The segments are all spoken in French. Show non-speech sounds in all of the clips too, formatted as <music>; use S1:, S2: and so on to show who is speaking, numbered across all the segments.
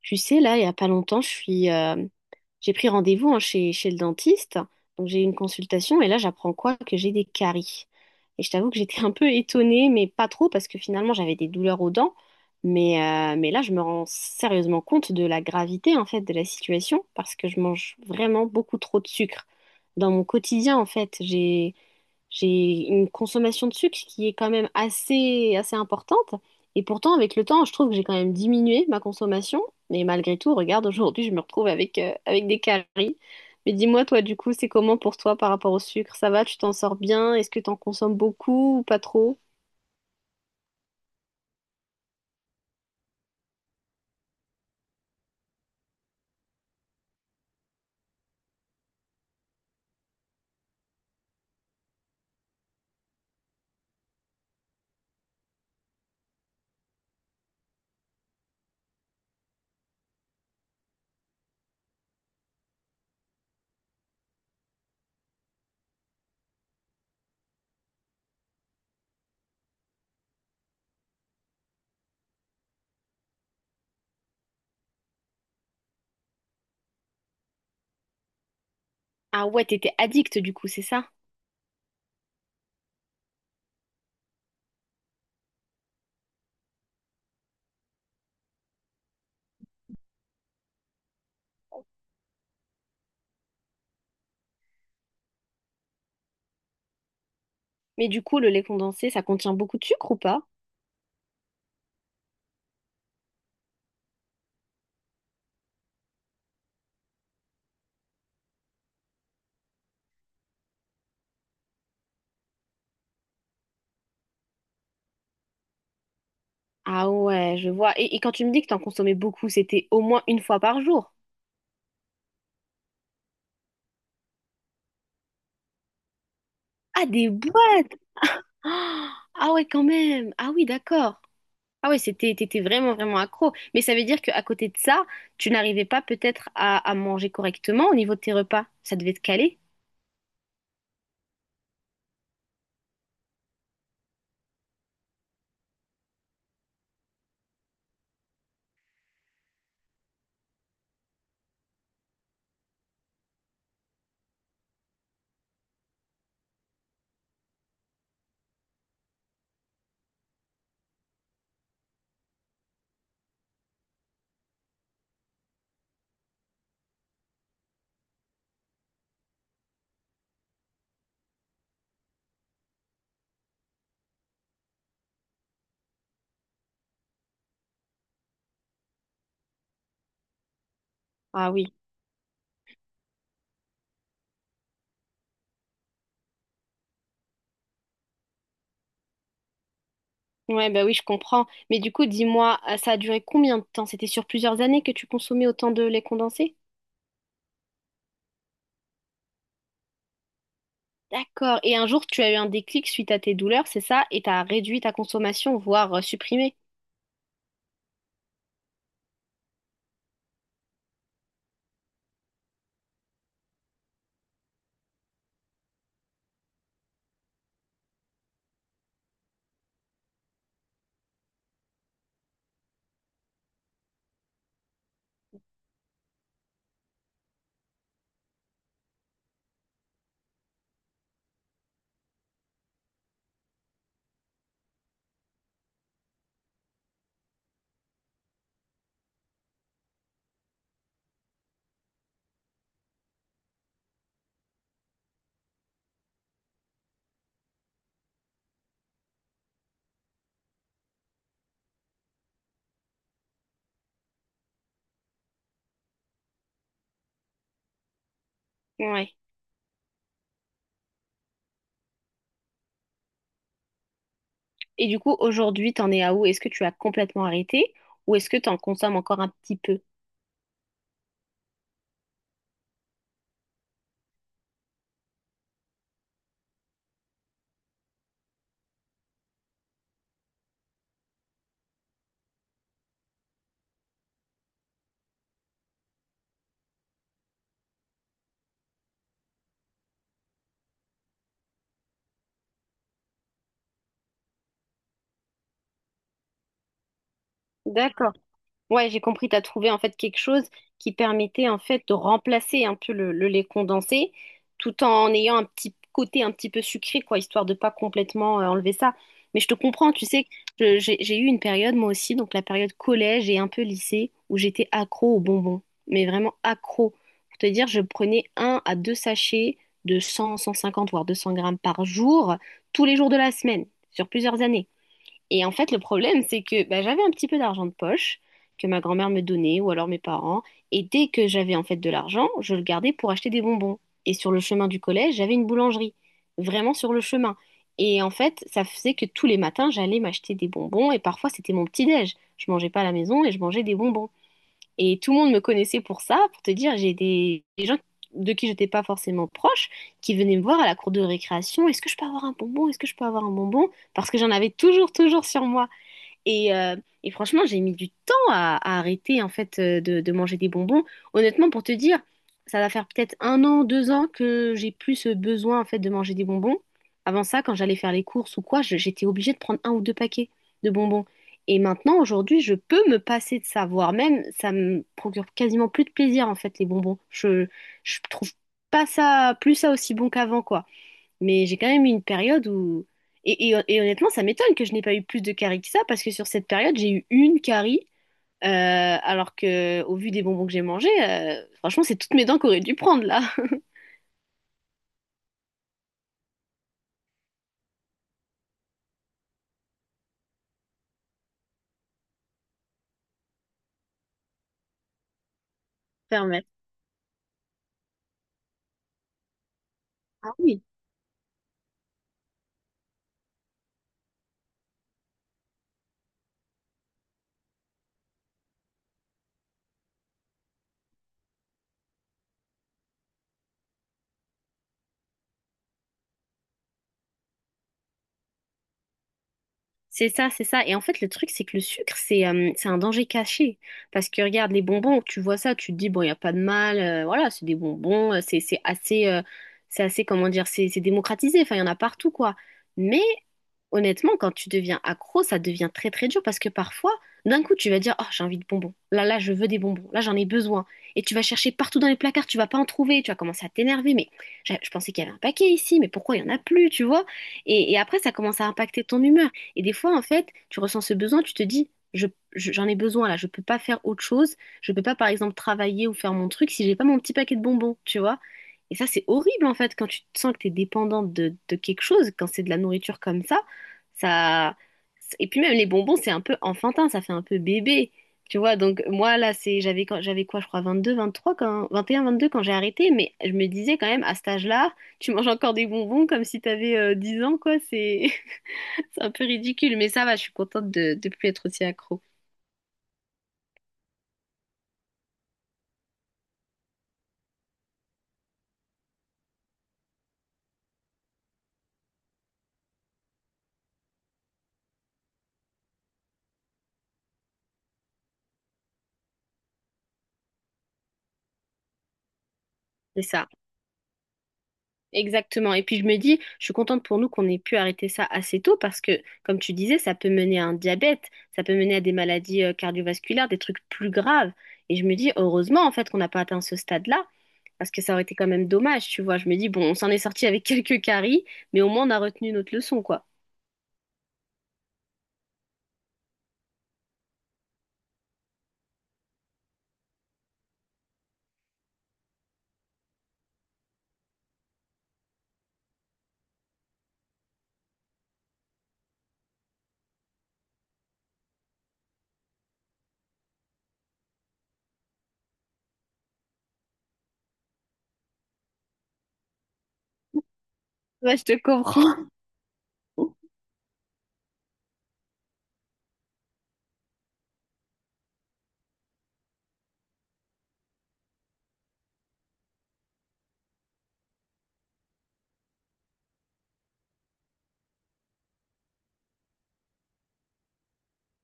S1: Tu sais, là, il n'y a pas longtemps, j'ai pris rendez-vous hein, chez le dentiste. Donc, j'ai eu une consultation et là, j'apprends quoi? Que j'ai des caries. Et je t'avoue que j'étais <laughs> un peu étonnée, mais pas trop, parce que finalement, j'avais des douleurs aux dents. Mais là, je me rends sérieusement compte de la gravité, en fait, de la situation, parce que je mange vraiment beaucoup trop de sucre. Dans mon quotidien, en fait, j'ai une consommation de sucre qui est quand même assez importante. Et pourtant, avec le temps, je trouve que j'ai quand même diminué ma consommation. Mais malgré tout, regarde, aujourd'hui, je me retrouve avec des caries. Mais dis-moi, toi, du coup, c'est comment pour toi par rapport au sucre? Ça va, tu t'en sors bien? Est-ce que t'en consommes beaucoup ou pas trop? Ah ouais, t'étais addict, du coup, c'est ça? Mais du coup, le lait condensé, ça contient beaucoup de sucre ou pas? Ah ouais, je vois. Et quand tu me dis que t'en consommais beaucoup, c'était au moins une fois par jour. Ah, des boîtes! Ah ah ouais, quand même. Ah oui, d'accord. Ah ouais, t'étais vraiment, vraiment accro. Mais ça veut dire qu'à côté de ça, tu n'arrivais pas peut-être à manger correctement au niveau de tes repas. Ça devait te caler. Ah oui. Ouais, bah oui, je comprends. Mais du coup, dis-moi, ça a duré combien de temps? C'était sur plusieurs années que tu consommais autant de lait condensé? D'accord. Et un jour, tu as eu un déclic suite à tes douleurs, c'est ça? Et t'as réduit ta consommation, voire supprimé. Ouais. Et du coup, aujourd'hui, t'en es à où? Est-ce que tu as complètement arrêté ou est-ce que t'en consommes encore un petit peu? D'accord. Ouais, j'ai compris, tu as trouvé en fait quelque chose qui permettait en fait de remplacer un peu le lait condensé tout en ayant un petit côté un petit peu sucré, quoi, histoire de pas complètement enlever ça. Mais je te comprends, tu sais, j'ai eu une période moi aussi, donc la période collège et un peu lycée, où j'étais accro aux bonbons, mais vraiment accro. Pour te dire, je prenais un à deux sachets de 100, 150, voire 200 grammes par jour, tous les jours de la semaine, sur plusieurs années. Et en fait, le problème, c'est que bah, j'avais un petit peu d'argent de poche que ma grand-mère me donnait ou alors mes parents. Et dès que j'avais en fait de l'argent, je le gardais pour acheter des bonbons. Et sur le chemin du collège, j'avais une boulangerie, vraiment sur le chemin. Et en fait, ça faisait que tous les matins, j'allais m'acheter des bonbons et parfois c'était mon petit-déj. Je mangeais pas à la maison et je mangeais des bonbons. Et tout le monde me connaissait pour ça, pour te dire, j'ai des gens de qui j'étais pas forcément proche qui venaient me voir à la cour de récréation. Est-ce que je peux avoir un bonbon? Est-ce que je peux avoir un bonbon? Parce que j'en avais toujours, toujours sur moi. Et, euh, et franchement, j'ai mis du temps à arrêter en fait de manger des bonbons. Honnêtement, pour te dire, ça va faire peut-être un an, deux ans que j'ai plus ce besoin en fait de manger des bonbons. Avant ça, quand j'allais faire les courses ou quoi, j'étais obligée de prendre un ou deux paquets de bonbons. Et maintenant, aujourd'hui, je peux me passer de ça, voire même ça me procure quasiment plus de plaisir en fait les bonbons. Je trouve pas ça plus ça aussi bon qu'avant quoi. Mais j'ai quand même eu une période où. Et honnêtement, ça m'étonne que je n'ai pas eu plus de caries que ça, parce que sur cette période, j'ai eu une carie, alors que au vu des bonbons que j'ai mangés, franchement, c'est toutes mes dents qu'aurait dû prendre là. <laughs> Permettre. Ah oui. C'est ça, c'est ça. Et en fait, le truc, c'est que le sucre, c'est un danger caché. Parce que regarde, les bonbons, tu vois ça, tu te dis, bon, il n'y a pas de mal, voilà, c'est des bonbons, c'est assez, comment dire, c'est démocratisé, enfin, il y en a partout, quoi. Mais honnêtement, quand tu deviens accro, ça devient très très dur parce que parfois, d'un coup, tu vas dire, oh, j'ai envie de bonbons. Là, là, je veux des bonbons. Là, j'en ai besoin. Et tu vas chercher partout dans les placards, tu vas pas en trouver. Tu vas commencer à t'énerver. Mais je pensais qu'il y avait un paquet ici, mais pourquoi il y en a plus, tu vois? Et après, ça commence à impacter ton humeur. Et des fois, en fait, tu ressens ce besoin, tu te dis, j'en ai besoin là. Je peux pas faire autre chose. Je peux pas, par exemple, travailler ou faire mon truc si j'ai pas mon petit paquet de bonbons, tu vois? Et ça, c'est horrible en fait quand tu te sens que tu es dépendante de quelque chose, quand c'est de la nourriture comme ça. Ça. Et puis même les bonbons, c'est un peu enfantin, ça fait un peu bébé. Tu vois, donc moi là, c'est j'avais quoi, je crois 22, 23 quand 21, 22 quand j'ai arrêté, mais je me disais quand même à cet âge-là, tu manges encore des bonbons comme si t'avais avais 10 ans quoi, c'est <laughs> c'est un peu ridicule, mais ça va, je suis contente de plus être aussi accro. C'est ça. Exactement. Et puis je me dis, je suis contente pour nous qu'on ait pu arrêter ça assez tôt parce que, comme tu disais, ça peut mener à un diabète, ça peut mener à des maladies cardiovasculaires, des trucs plus graves. Et je me dis, heureusement, en fait, qu'on n'a pas atteint ce stade-là parce que ça aurait été quand même dommage, tu vois. Je me dis, bon, on s'en est sorti avec <laughs> quelques caries, mais au moins on a retenu notre leçon, quoi. Ouais, je te comprends.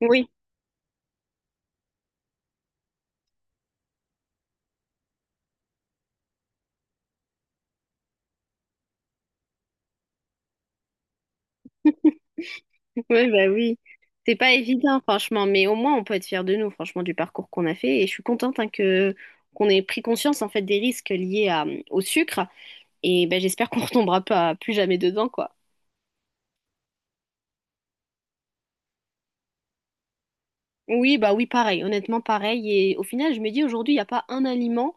S1: Oui, <laughs> oui, bah oui. C'est pas évident, franchement, mais au moins on peut être fiers de nous, franchement, du parcours qu'on a fait. Et je suis contente hein, que qu'on ait pris conscience en fait des risques liés au sucre. Et ben, j'espère qu'on <laughs> retombera pas plus jamais dedans, quoi. Oui, bah oui, pareil, honnêtement, pareil. Et au final, je me dis aujourd'hui, il n'y a pas un aliment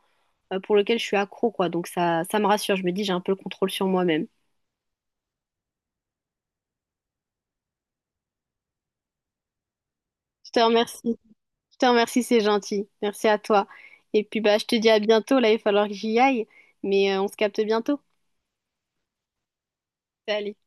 S1: pour lequel je suis accro, quoi. Donc ça me rassure. Je me dis, j'ai un peu le contrôle sur moi-même. Je te remercie. Je te remercie, c'est gentil. Merci à toi. Et puis, bah, je te dis à bientôt. Là, il va falloir que j'y aille. Mais on se capte bientôt. Salut.